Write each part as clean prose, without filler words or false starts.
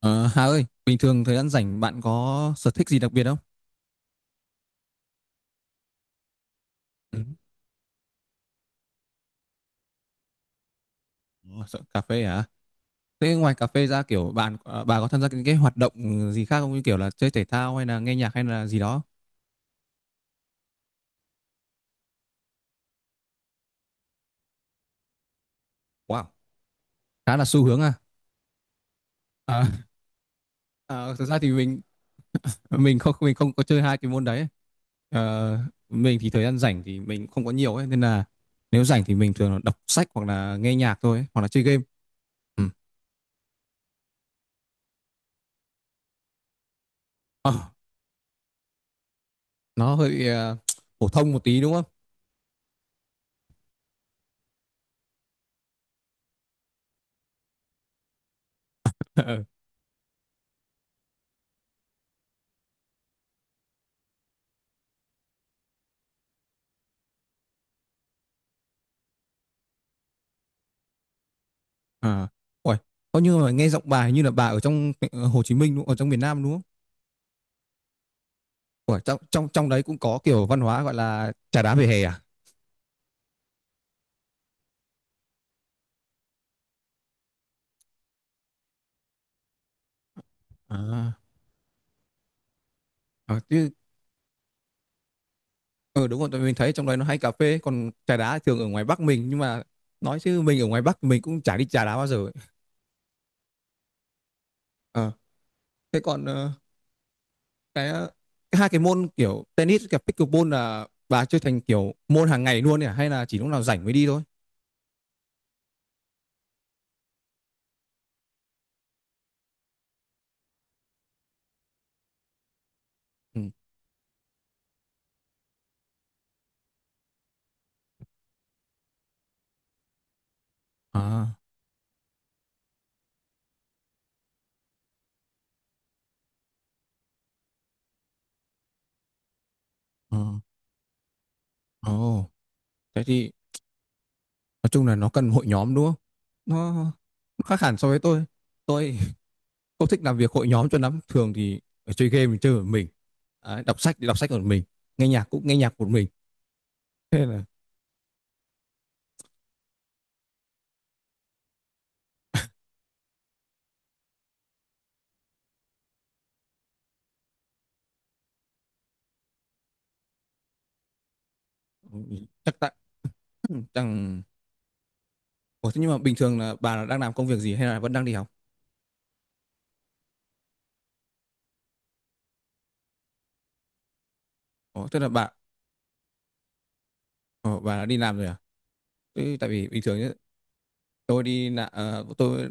Ờ, Hà ơi, bình thường thời gian rảnh bạn có sở thích gì đặc biệt không? Ừ. Ồ, sợ cà phê hả? Thế ngoài cà phê ra kiểu bạn à, bà có tham gia những cái hoạt động gì khác không, như kiểu là chơi thể thao hay là nghe nhạc hay là gì đó? Wow, khá là xu hướng à. À, à thực ra thì mình không, không có chơi hai cái môn đấy. Ờ, mình thì thời gian rảnh thì mình không có nhiều ấy, nên là nếu rảnh thì mình thường là đọc sách hoặc là nghe nhạc thôi ấy, hoặc là chơi game. Ừ. Ờ, nó hơi phổ thông một tí đúng không? À, ủa, có như mà nghe giọng bà hình như là bà ở trong Hồ Chí Minh đúng không? Ở trong miền Nam đúng không? Ủa, trong trong trong đấy cũng có kiểu văn hóa gọi là trà đá vỉa hè à? À, à chứ ừ, đúng rồi, tại vì mình thấy trong đấy nó hay cà phê, còn trà đá thường ở ngoài Bắc mình. Nhưng mà nói chứ mình ở ngoài Bắc mình cũng chả đi trà đá bao giờ ấy. Ờ, thế còn cái, ờ, cái hai cái môn kiểu tennis và pickleball là bà chơi thành kiểu môn hàng ngày luôn nhỉ? Hay là chỉ lúc nào rảnh mới đi thôi? Ừ. À, ờ, ồ, thế thì nói chung là nó cần hội nhóm đúng không, nó, nó khác hẳn so với tôi không thích làm việc hội nhóm cho lắm. Thường thì ở chơi game thì chơi một mình, đấy, đọc sách thì đọc sách một mình, nghe nhạc cũng nghe nhạc một mình, thế là chắc tại chẳng. Ủa, thế nhưng mà bình thường là bà là đang làm công việc gì hay là vẫn đang đi học? Ủa, tức là bà, ủa, bà đã đi làm rồi à? Thế tại vì bình thường nhá, tôi đi là tôi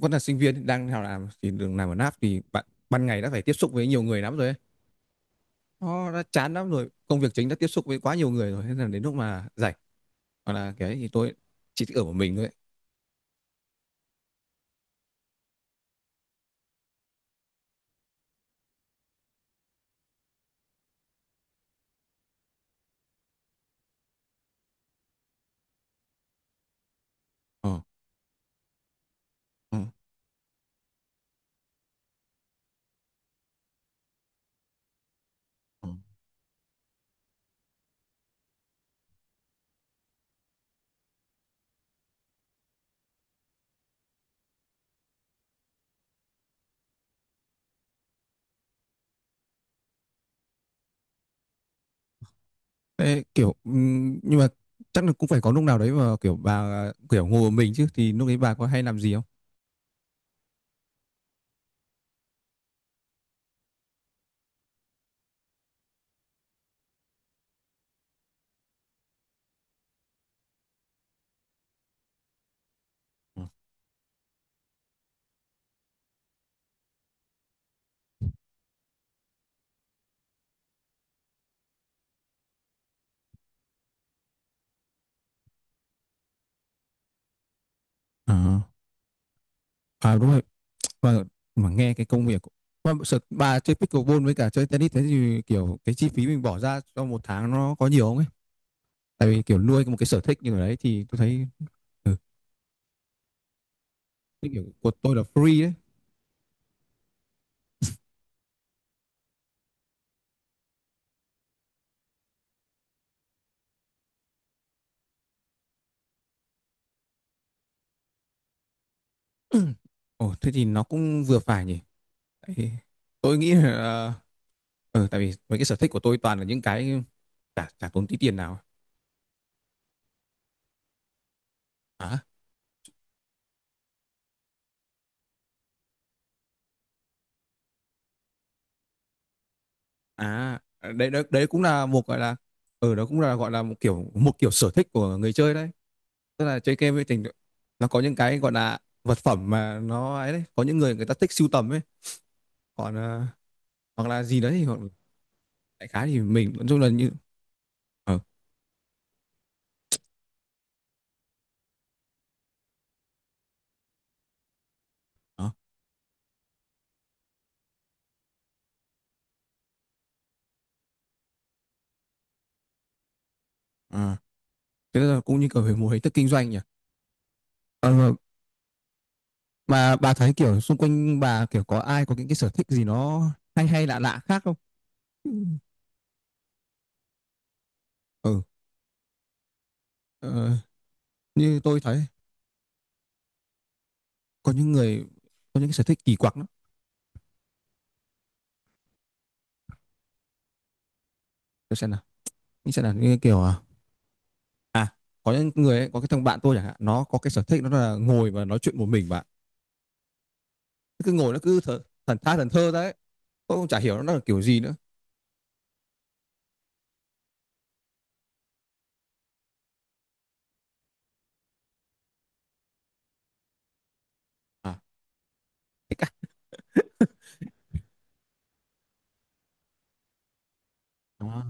vẫn là sinh viên đang đi học, làm thì đường làm ở NAP thì bạn ban ngày đã phải tiếp xúc với nhiều người lắm rồi ấy. Nó đã chán lắm rồi, công việc chính đã tiếp xúc với quá nhiều người rồi, thế là đến lúc mà rảnh hoặc là cái thì tôi chỉ thích ở một mình thôi ấy. Ờ, ờ, ờ. Thế kiểu nhưng mà chắc là cũng phải có lúc nào đấy mà kiểu bà kiểu ngồi một mình chứ, thì lúc đấy bà có hay làm gì không? Ừ. À, à đúng rồi, và mà nghe cái công việc của- mà sợ bà chơi pickleball với cả chơi tennis, thế thì kiểu cái chi phí mình bỏ ra cho một tháng nó có nhiều không ấy? Tại vì kiểu nuôi một cái sở thích như thế đấy thì tôi thấy ừ, cái kiểu của tôi là free đấy. Ồ, thế thì nó cũng vừa phải nhỉ? Tại- tôi nghĩ là ừ, tại vì mấy cái sở thích của tôi toàn là những cái chả chả tốn tí tiền nào. À, à đấy đấy, đấy cũng là một gọi là ừ, đó cũng là gọi là một kiểu sở thích của người chơi đấy, tức là chơi game với tình nó có những cái gọi là vật phẩm mà nó ấy đấy, có những người, người ta thích sưu tầm ấy, còn hoặc là gì đấy, hoặc đại khái thì mình nói chung là như ờ, đó à. Thế là cũng như kiểu về một hình thức kinh doanh nhỉ. Ờ, mà bà thấy kiểu xung quanh bà kiểu có ai có những cái sở thích gì nó hay hay lạ lạ khác không? Ừ, ờ, như tôi thấy có những người có những cái sở thích kỳ quặc lắm. Tôi xem nào, như xem nào, như kiểu à, à có những người ấy, có cái thằng bạn tôi chẳng hạn, nó có cái sở thích nó là ngồi và nói chuyện một mình bạn. Nó cứ ngồi nó cứ thờ, thần tha thần thơ đấy. Tôi cũng chả hiểu nó là kiểu gì nữa. À, đó.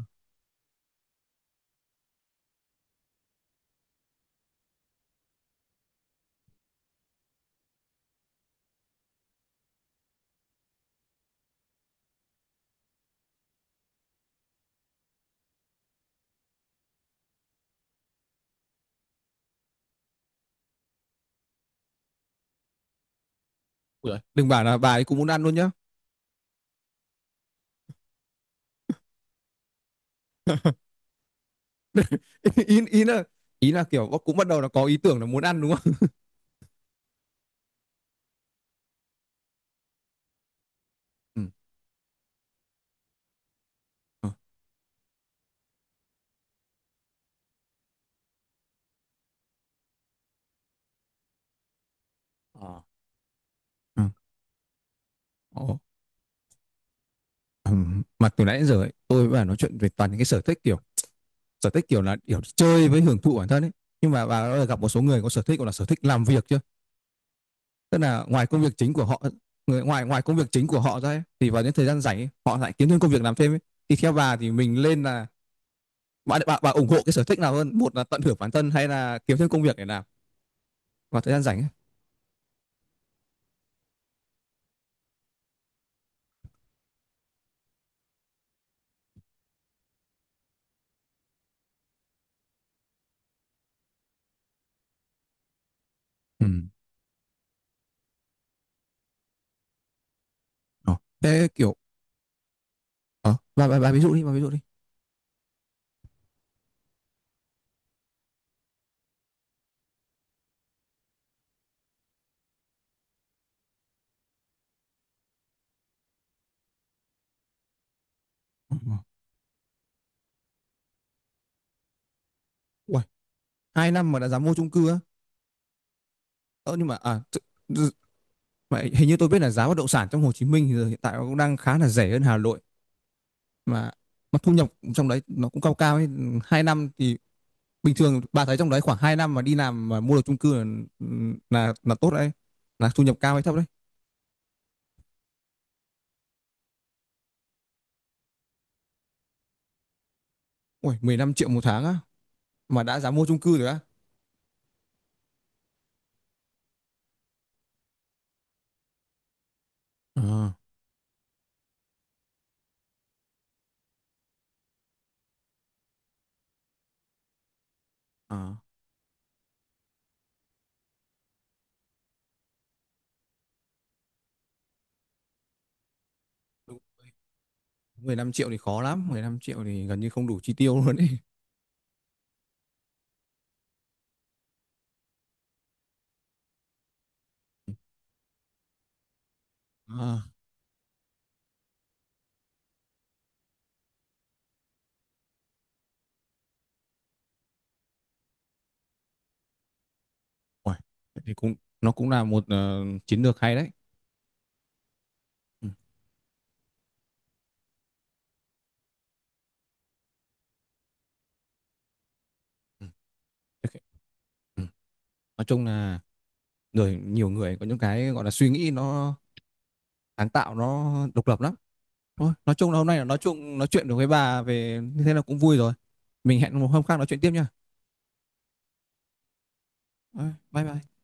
Ui giời, đừng bảo là bà ấy cũng muốn ăn luôn nhá. Ý ý là kiểu cũng bắt đầu là có ý tưởng là muốn ăn đúng không? Ừ. Ờ, ờ. Ừ. Ồ. Mà từ nãy đến giờ ấy, tôi và nói chuyện về toàn những cái sở thích kiểu là kiểu chơi với hưởng thụ bản thân ấy, nhưng mà bà đã gặp một số người có sở thích gọi là sở thích làm việc chưa, tức là ngoài công việc chính của họ, người ngoài ngoài công việc chính của họ ra ấy, thì vào những thời gian rảnh ấy, họ lại kiếm thêm công việc làm thêm ấy. Thì theo bà thì mình lên là bà, bà ủng hộ cái sở thích nào hơn, một là tận hưởng bản thân hay là kiếm thêm công việc để làm vào thời gian rảnh ấy? Ừ. Ờ. Thế kiểu ờ, bà ví dụ đi, bà ví dụ đi. Ờ, ờ. Uầy, 2 năm mà đã dám mua chung cư á? Ờ, nhưng mà à, mà hình như tôi biết là giá bất động sản trong Hồ Chí Minh thì giờ hiện tại nó cũng đang khá là rẻ hơn Hà Nội, mà mà thu nhập trong đấy nó cũng cao cao ấy. 2 năm thì bình thường bà thấy trong đấy, khoảng 2 năm mà đi làm mà mua được chung cư là, là tốt đấy, là thu nhập cao hay thấp đấy? Ui, 15 triệu 1 tháng á mà đã dám mua chung cư rồi á? Ờ, ờ. Đúng, 15 triệu thì khó lắm, 15 triệu thì gần như không đủ chi tiêu luôn ấy. À, ui, thế thì cũng nó cũng là một chiến lược hay đấy. Ừ, ừ. Ok. Ừ. Nói chung là rồi nhiều người có những cái gọi là suy nghĩ nó sáng tạo, nó độc lập lắm. Thôi nói chung là hôm nay là nói chung nói chuyện được với bà về như thế là cũng vui rồi, mình hẹn một hôm khác nói chuyện tiếp nha. Ờ, bye bye.